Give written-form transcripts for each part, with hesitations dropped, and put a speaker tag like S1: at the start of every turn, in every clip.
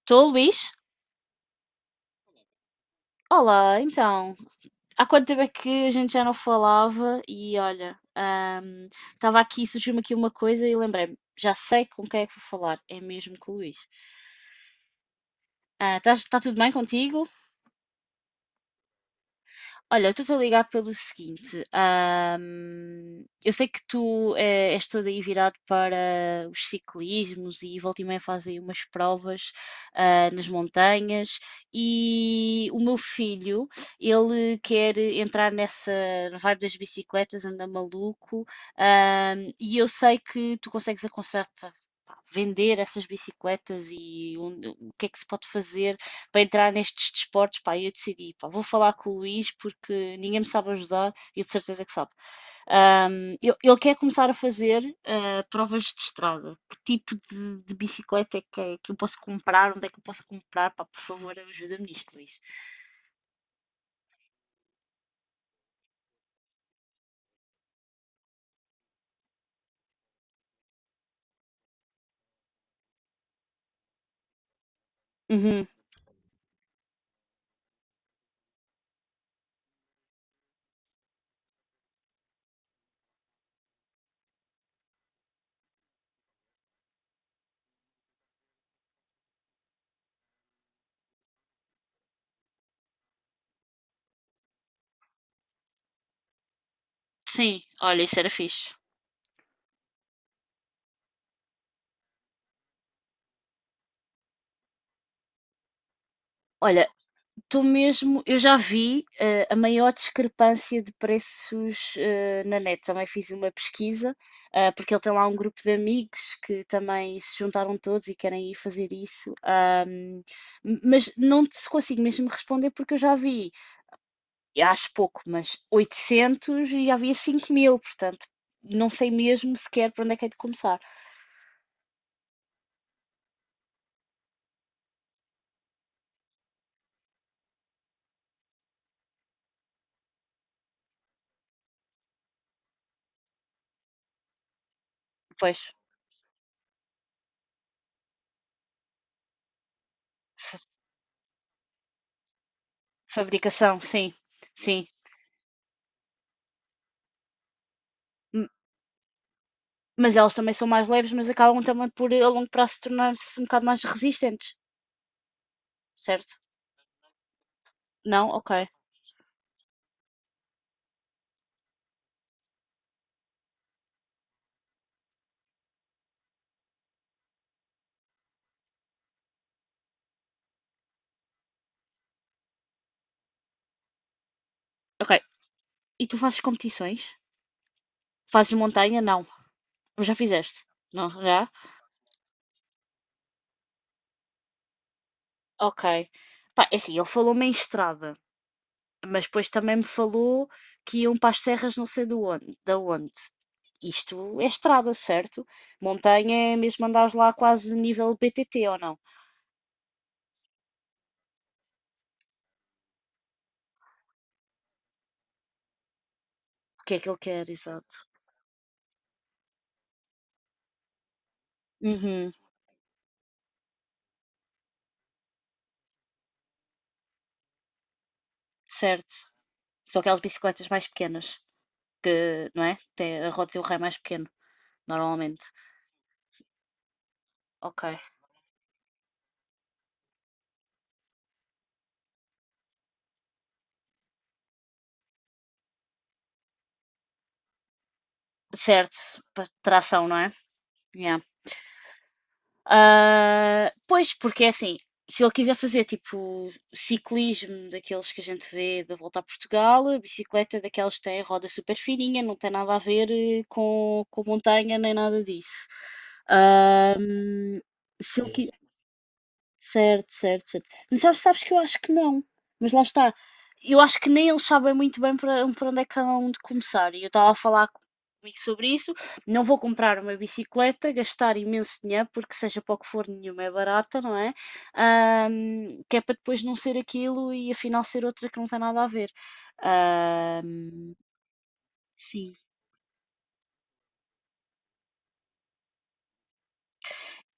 S1: Estou, Luís? Olá, então. Há quanto tempo é que a gente já não falava? E olha, estava aqui, surgiu-me aqui uma coisa e lembrei-me, já sei com quem é que vou falar, é mesmo com o Luís. Está tudo bem contigo? Olha, eu estou-te a ligar pelo seguinte. Eu sei que tu és todo aí virado para os ciclismos e volta e meia fazem umas provas nas montanhas e o meu filho, ele quer entrar nessa vibe das bicicletas, anda maluco. E eu sei que tu consegues aconselhar para vender essas bicicletas e o que é que se pode fazer para entrar nestes desportos. Pá, eu decidi, pá, vou falar com o Luís porque ninguém me sabe ajudar e de certeza que sabe. Ele quer começar a fazer provas de estrada. Que tipo de bicicleta é que eu posso comprar? Onde é que eu posso comprar? Pá, por favor, ajuda-me nisto, Luís. Uhum. Sim, olha, isso era fixe. Olha, tu mesmo, eu já vi a maior discrepância de preços na net. Também fiz uma pesquisa, porque ele tem lá um grupo de amigos que também se juntaram todos e querem ir fazer isso. Mas não te consigo mesmo responder porque eu já vi, e acho pouco, mas 800 e já havia 5 mil, portanto, não sei mesmo sequer para onde é que é de começar. Pois, fabricação, sim, sim. Mas elas também são mais leves, mas acabam também por a longo prazo tornar-se um bocado mais resistentes, certo? Não? Ok. Ok. E tu fazes competições? Fazes montanha? Não. Já fizeste? Não, já? Ok. Pá, é assim, ele falou-me em estrada, mas depois também me falou que iam para as serras não sei de onde, da onde. Isto é estrada, certo? Montanha é mesmo andares lá quase nível BTT ou não? O que é que ele quer, exato. Uhum, certo. Só aquelas bicicletas mais pequenas. Que, não é? Tem a roda e o rei mais pequeno, normalmente. Ok. Certo, tração, não é? Yeah. Ah, pois, porque é assim, se ele quiser fazer tipo ciclismo daqueles que a gente vê da volta a Portugal, a bicicleta daquelas que têm roda super fininha, não tem nada a ver com montanha nem nada disso. Ahm, se ele, qui- Certo, certo, certo. Mas sabes, sabes que eu acho que não. Mas lá está. Eu acho que nem eles sabem muito bem para onde é que hão de começar. E eu estava a falar comigo sobre isso. Não vou comprar uma bicicleta, gastar imenso dinheiro, porque seja para o que for, nenhuma é barata, não é? Que é para depois não ser aquilo e afinal ser outra que não tem nada a ver. Ahm, sim.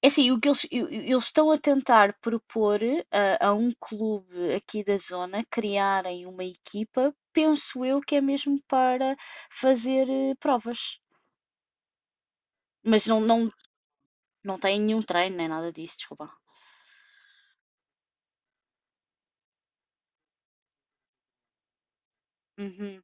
S1: É assim, o que eles estão a tentar propor a um clube aqui da zona criarem uma equipa, penso eu que é mesmo para fazer provas. Mas não tem nenhum treino nem nada disso, desculpa. Uhum,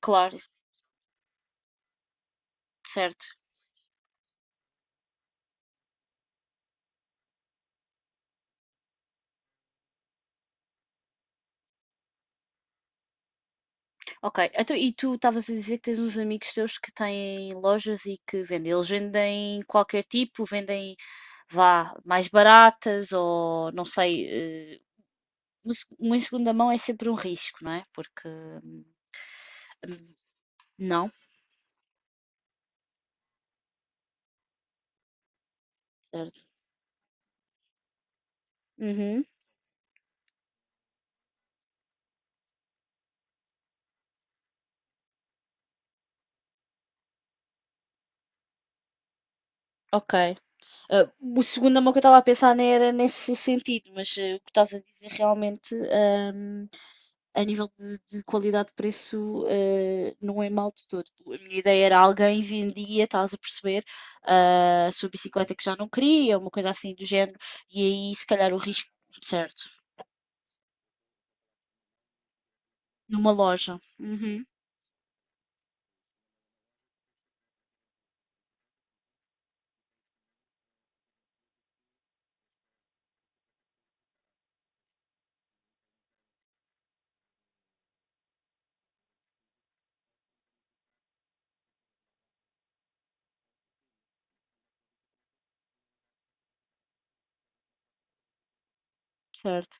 S1: claro, certo. Ok, então, e tu estavas a dizer que tens uns amigos teus que têm lojas e que vendem. Eles vendem qualquer tipo, vendem, vá, mais baratas ou não sei. eh, uma segunda mão é sempre um risco, não é? Porque Não. Certo. Uhum, ok. Ah, o segunda mão que eu estava a pensar nem era nesse sentido, mas o que estás a dizer realmente, a nível de qualidade de preço, não é mau de todo. A minha ideia era alguém vendia, estás a perceber, a sua bicicleta que já não queria, uma coisa assim do género, e aí se calhar o risco, certo, numa loja. Uhum, certo.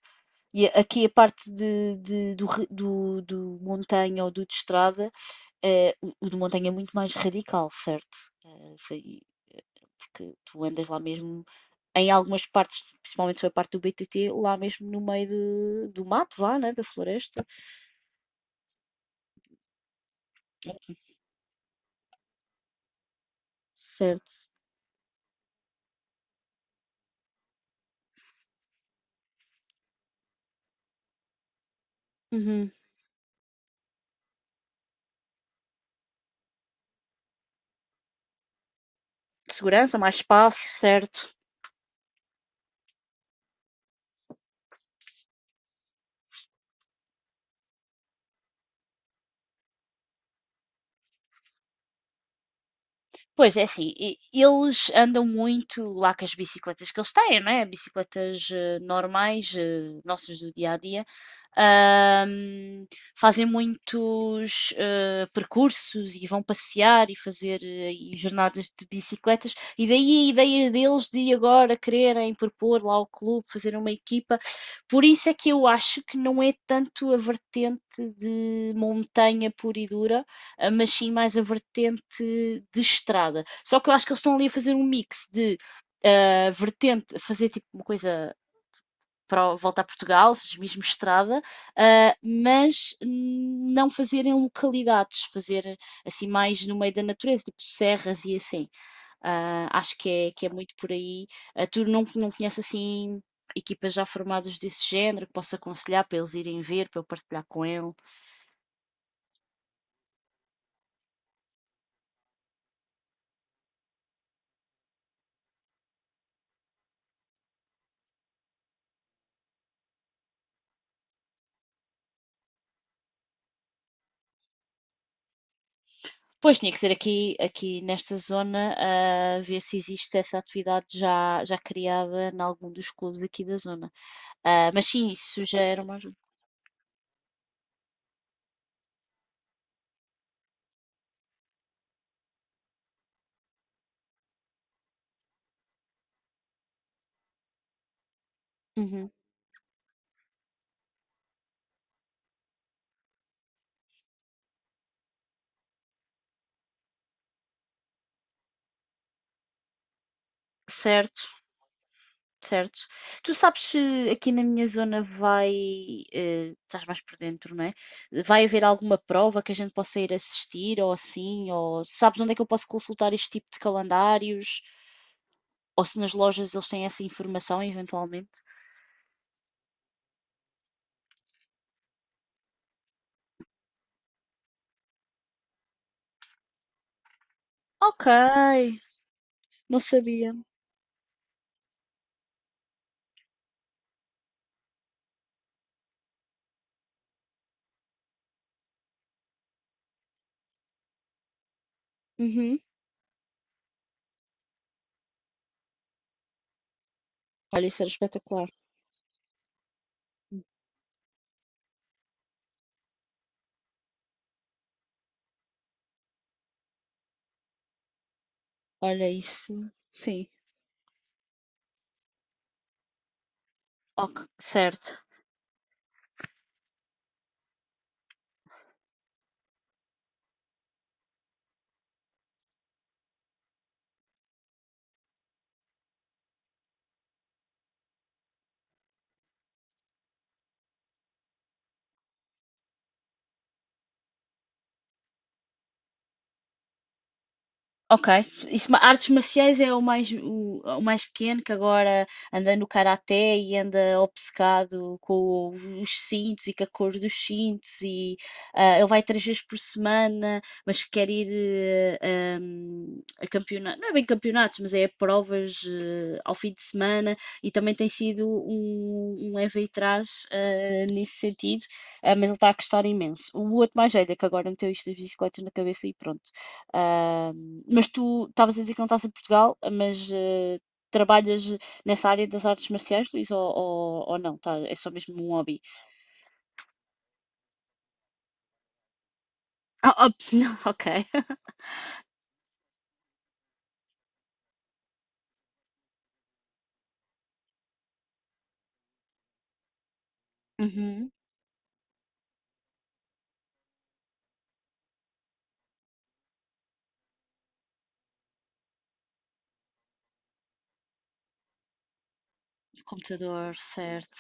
S1: E aqui a parte do montanha ou do de estrada, o de montanha é muito mais radical, certo? Eh, sei- Porque tu andas lá mesmo, em algumas partes, principalmente a parte do BTT, lá mesmo no meio do mato, vá, né? Da floresta. Certo. Uhum. Segurança, mais espaço, certo. Pois é assim, eles andam muito lá com as bicicletas que eles têm, não é? Bicicletas normais, nossas do dia a dia. Ahm, fazem muitos percursos e vão passear e fazer aí jornadas de bicicletas. E daí a ideia deles de agora quererem propor lá ao clube, fazer uma equipa. Por isso é que eu acho que não é tanto a vertente de montanha pura e dura, mas sim mais a vertente de estrada. Só que eu acho que eles estão ali a fazer um mix de vertente, fazer tipo uma coisa para voltar a Portugal, ou seja, mesmo estrada, não fazer em localidades, fazer assim mais no meio da natureza, tipo serras e assim. Ah, acho que é muito por aí. Ah, tu não, não conheces assim equipas já formadas desse género que posso aconselhar para eles irem ver, para eu partilhar com ele? Pois, tinha que ser aqui nesta zona, ver se existe essa atividade já criada em algum dos clubes aqui da zona. Ah, mas sim, isso já era uma ajuda. Uhum. Certo, certo. Tu sabes se aqui na minha zona vai, estás mais por dentro, não é? Vai haver alguma prova que a gente possa ir assistir ou assim, ou sabes onde é que eu posso consultar este tipo de calendários? Ou se nas lojas eles têm essa informação eventualmente? Ok, não sabia. Uhum. Olha, isso era espetacular. Olha, isso. Sim. Ok, certo. Ok. Isso, artes marciais é o mais, o mais pequeno que agora anda no karaté e anda obcecado com os cintos e com a cor dos cintos e ele vai três vezes por semana, mas quer ir a campeonatos, não é bem campeonatos, mas é a provas ao fim de semana e também tem sido um leve e trás, nesse sentido, mas ele está a gostar imenso. O outro mais velho é que agora meteu isto das bicicletas na cabeça e pronto. Ah, mas tu estavas a dizer que não estás em Portugal, mas trabalhas nessa área das artes marciais, Luís, ou não? Tá, é só mesmo um hobby? Ah, ops, não, ok. Uhum, computador, certo.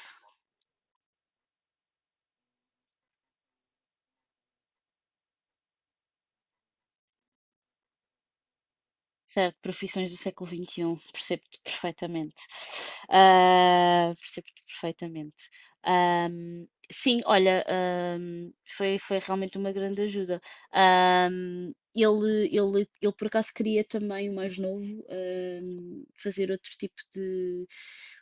S1: Certo, profissões do século XXI, percebo-te perfeitamente. Ah, percebo-te perfeitamente. Sim, Olha, foi realmente uma grande ajuda. Ele por acaso queria também, o mais novo, fazer outro tipo de.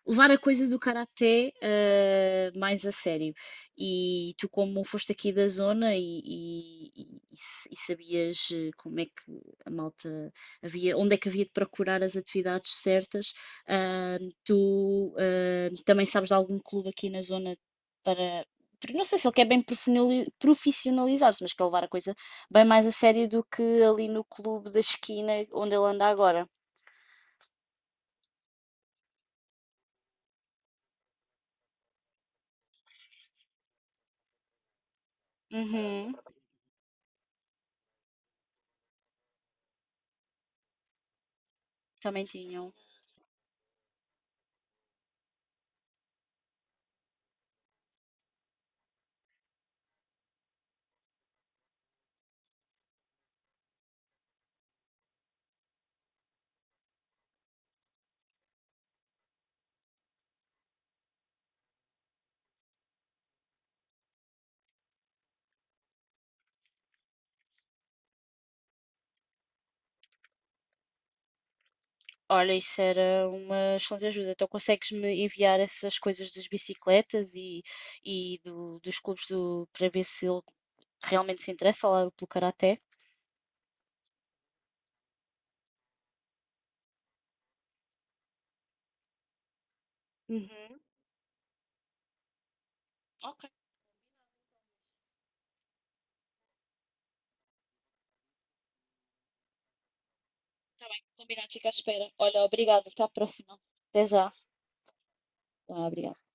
S1: Levar a coisa do karaté, mais a sério. E tu, como foste aqui da zona e sabias como é que a malta havia, onde é que havia de procurar as atividades certas. Ah, Também sabes de algum clube aqui na zona para. Porque não sei se ele quer bem profissionalizar-se, mas quer levar a coisa bem mais a sério do que ali no clube da esquina onde ele anda agora. Uhum, também tinham. Olha, isso era uma excelente ajuda. Então consegues-me enviar essas coisas das bicicletas e, dos clubes do, para ver se ele realmente se interessa lá pelo karaté? Uhum. Tá bem, combinado, fica à espera. Olha, obrigada, até a próxima. Até já. Ah, obrigada.